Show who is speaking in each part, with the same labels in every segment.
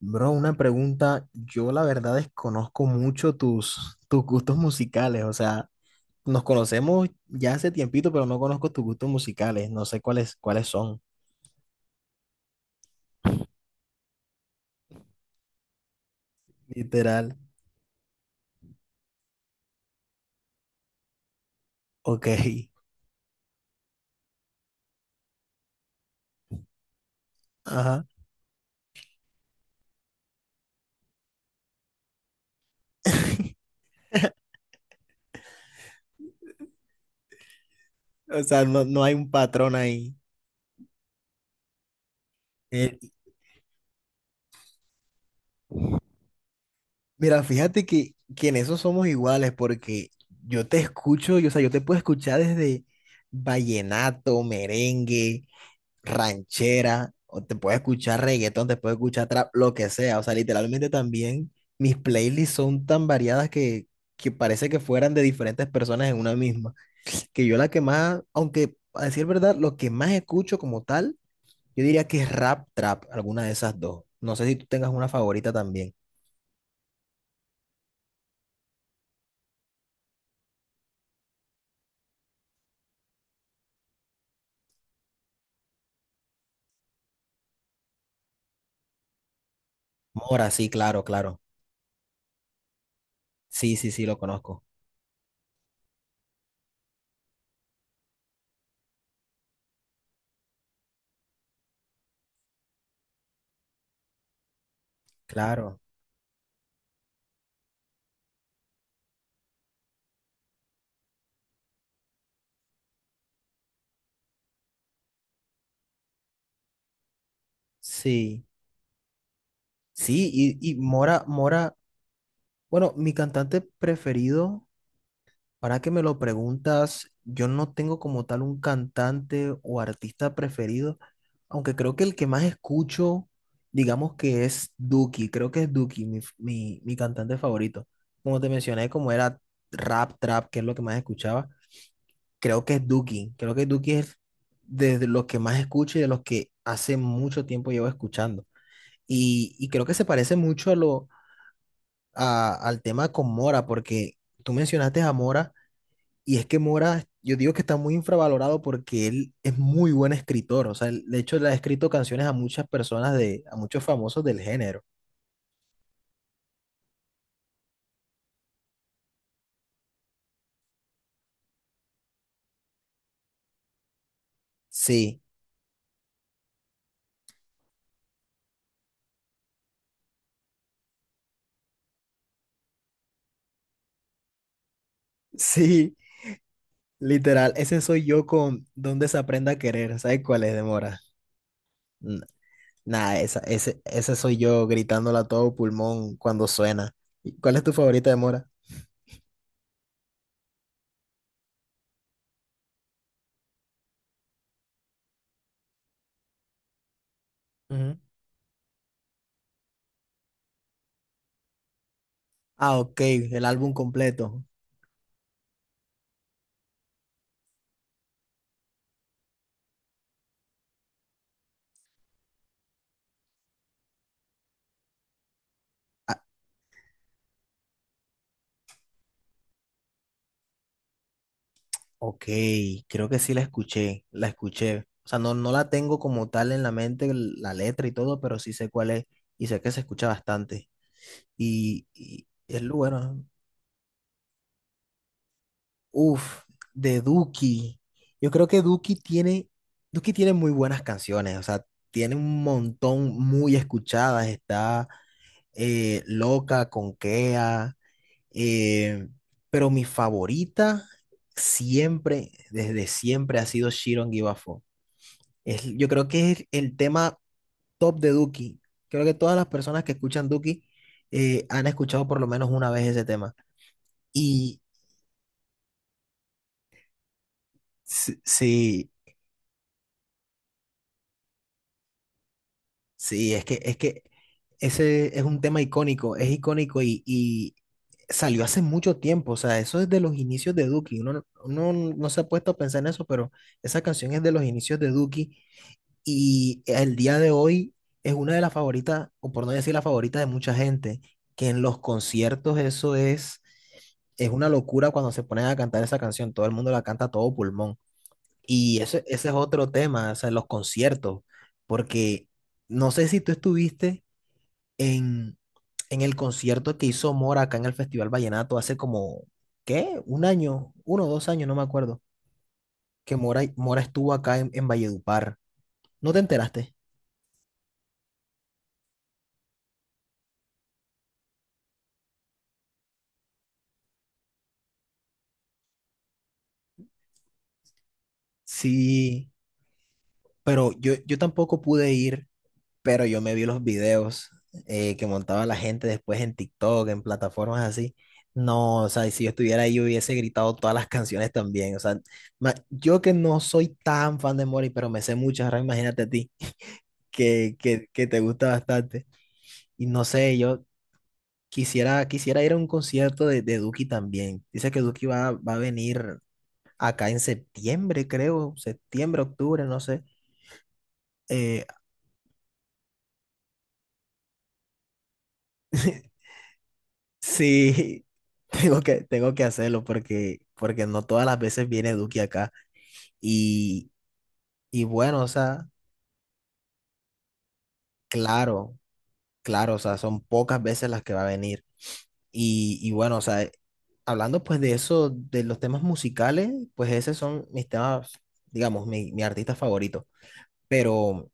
Speaker 1: Bro, una pregunta. Yo la verdad desconozco mucho tus gustos musicales. O sea, nos conocemos ya hace tiempito, pero no conozco tus gustos musicales. No sé cuáles son. Literal. Ok. Ajá. O sea, no hay un patrón ahí. Eh, Mira, fíjate que en eso somos iguales porque yo te escucho, yo, o sea, yo te puedo escuchar desde vallenato, merengue, ranchera, o te puedes escuchar reggaetón, te puedes escuchar trap, lo que sea. O sea, literalmente también mis playlists son tan variadas que parece que fueran de diferentes personas en una misma. Que yo la que más, aunque a decir verdad, lo que más escucho como tal, yo diría que es rap, trap, alguna de esas dos. No sé si tú tengas una favorita también. Mora, sí, claro, claro. Sí, sí, sí, lo conozco. Claro, sí. Sí, y Mora, bueno, mi cantante preferido. Ahora que me lo preguntas, yo no tengo como tal un cantante o artista preferido, aunque creo que el que más escucho, digamos que es Duki, creo que es Duki, mi, mi, mi cantante favorito. Como te mencioné, como era rap, trap, que es lo que más escuchaba, creo que es Duki, creo que Duki es de los que más escucho y de los que hace mucho tiempo llevo escuchando. Y creo que se parece mucho a lo, al tema con Mora, porque tú mencionaste a Mora. Y es que Mora, yo digo que está muy infravalorado porque él es muy buen escritor. O sea, de hecho, le ha escrito canciones a muchas personas de, a muchos famosos del género. Sí, sí, literal. Ese soy yo con Donde se aprenda a querer. ¿Sabes cuál es de Mora? N- Nada, esa, ese soy yo gritándola a todo pulmón cuando suena. ¿Y ¿Cuál es tu favorita de Mora? Ujú. Ah, ok, el álbum completo. Ok, creo que sí la escuché, la escuché. O sea, no, no la tengo como tal en la mente, la letra y todo, pero sí sé cuál es y sé que se escucha bastante. Y es lo bueno. Uf, de Duki. Yo creo que Duki tiene muy buenas canciones, o sea, tiene un montón muy escuchadas. Está Loca, Conquea, eh, pero mi favorita siempre, desde siempre, ha sido She Don't Give a Fuck. Es, yo creo que es el tema top de Duki. Creo que todas las personas que escuchan Duki han escuchado por lo menos una vez ese tema. Y sí, sí, sí, es que ese es un tema icónico, es icónico y salió hace mucho tiempo. O sea, eso es de los inicios de Duki. Uno no se ha puesto a pensar en eso, pero esa canción es de los inicios de Duki. Y el día de hoy es una de las favoritas, o por no decir la favorita de mucha gente, que en los conciertos eso es una locura cuando se ponen a cantar esa canción, todo el mundo la canta a todo pulmón. Y ese es otro tema, o sea, los conciertos, porque no sé si tú estuviste en, en el concierto que hizo Mora acá en el Festival Vallenato hace como, ¿qué? Un año, uno o dos años, no me acuerdo, que Mora estuvo acá en Valledupar. ¿No te enteraste? Sí. Pero yo tampoco pude ir, pero yo me vi los videos que montaba la gente después en TikTok, en plataformas así. No, o sea, si yo estuviera ahí, yo hubiese gritado todas las canciones también. O sea, yo que no soy tan fan de Mori, pero me sé muchas, ahora imagínate a ti, que te gusta bastante. Y no sé, yo quisiera ir a un concierto de Duki también. Dice que va a venir acá en septiembre, creo, septiembre, octubre, no sé. Eh, Sí, tengo tengo que hacerlo porque no todas las veces viene Duque acá. Y, y bueno, o sea, claro, claro, o sea, son pocas veces las que va a venir. Y bueno, o sea, hablando pues de eso, de los temas musicales, pues esos son mis temas, digamos, mi artista favorito. Pero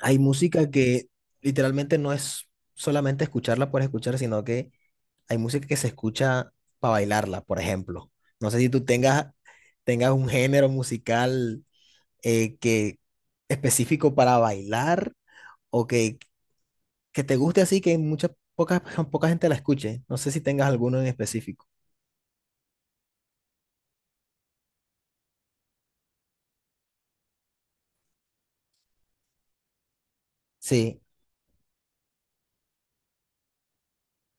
Speaker 1: hay música que literalmente no es solamente escucharla por escuchar, sino que hay música que se escucha para bailarla, por ejemplo. No sé si tú tengas, tengas un género musical que específico para bailar o que te guste así que mucha, poca, poca gente la escuche. No sé si tengas alguno en específico. Sí,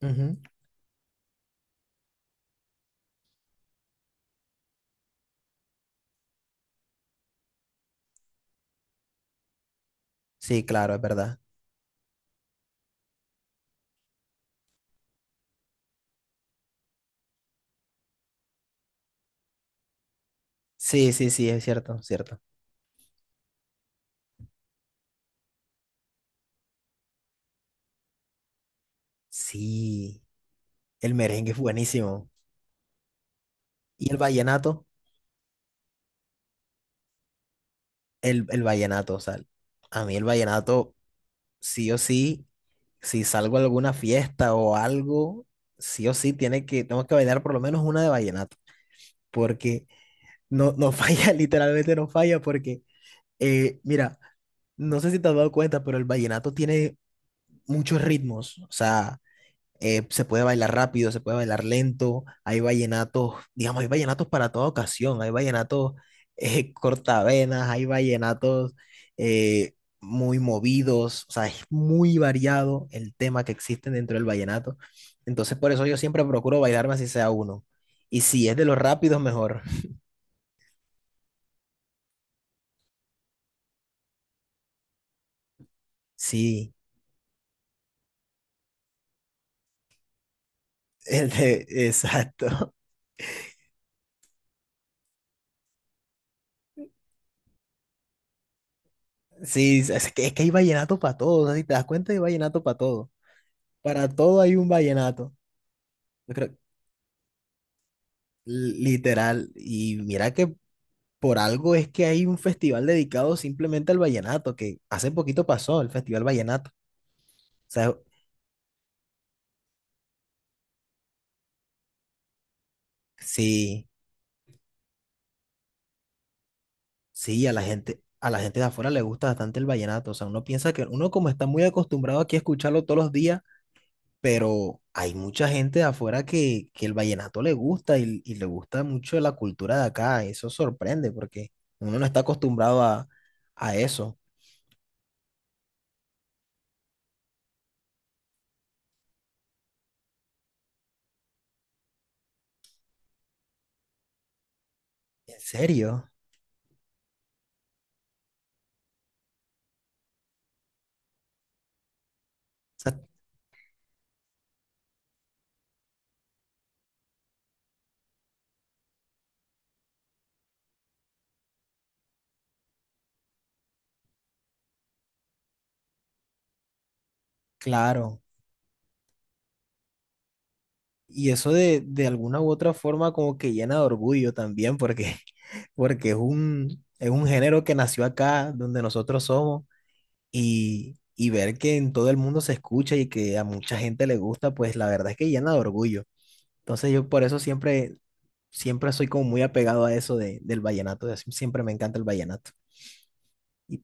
Speaker 1: ujú. Sí, claro, es verdad. Sí, sí, sí, es cierto, cierto. Sí, el merengue es buenísimo. ¿Y el vallenato? El vallenato, o sea, a mí el vallenato sí o sí si salgo a alguna fiesta o algo, sí o sí tengo que bailar por lo menos una de vallenato, porque no, no falla, literalmente no falla, porque, mira, no sé si te has dado cuenta, pero el vallenato tiene muchos ritmos, o sea, se puede bailar rápido, se puede bailar lento, hay vallenatos, digamos, hay vallenatos para toda ocasión, hay vallenatos cortavenas, hay vallenatos eh, muy movidos, o sea, es muy variado el tema que existe dentro del vallenato. Entonces, por eso yo siempre procuro bailarme así sea uno. Y si es de los rápidos, mejor. Sí, exacto. Sí, es que hay vallenato para todo, o sea, si te das cuenta, hay vallenato para todo. Para todo hay un vallenato. Yo creo, literal, y mira que por algo es que hay un festival dedicado simplemente al vallenato, que hace poquito pasó el Festival Vallenato. O sea, sí, sí, a la gente de afuera le gusta bastante el vallenato. O sea, uno piensa que uno como está muy acostumbrado aquí a escucharlo todos los días, pero hay mucha gente de afuera que el vallenato le gusta y le gusta mucho la cultura de acá. Eso sorprende porque uno no está acostumbrado a eso. En serio. O sea, claro. Y eso de alguna u otra forma como que llena de orgullo también, porque, porque es un género que nació acá, donde nosotros somos, y ver que en todo el mundo se escucha y que a mucha gente le gusta, pues la verdad es que llena de orgullo. Entonces yo por eso siempre, siempre soy como muy apegado a eso de, del vallenato, siempre me encanta el vallenato. Y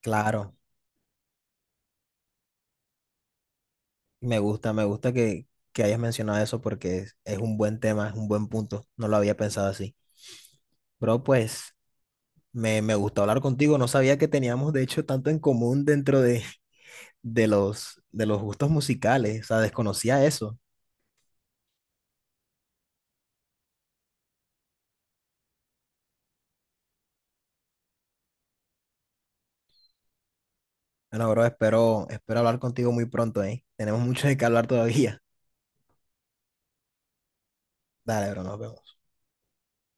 Speaker 1: claro, me gusta que hayas mencionado eso porque es un buen tema, es un buen punto, no lo había pensado así. Bro, pues... Me gustó hablar contigo, no sabía que teníamos de hecho tanto en común dentro de los gustos musicales, o sea, desconocía eso. Bueno, bro, espero, espero hablar contigo muy pronto, ¿eh? Tenemos mucho de qué hablar todavía. Dale, bro, nos vemos.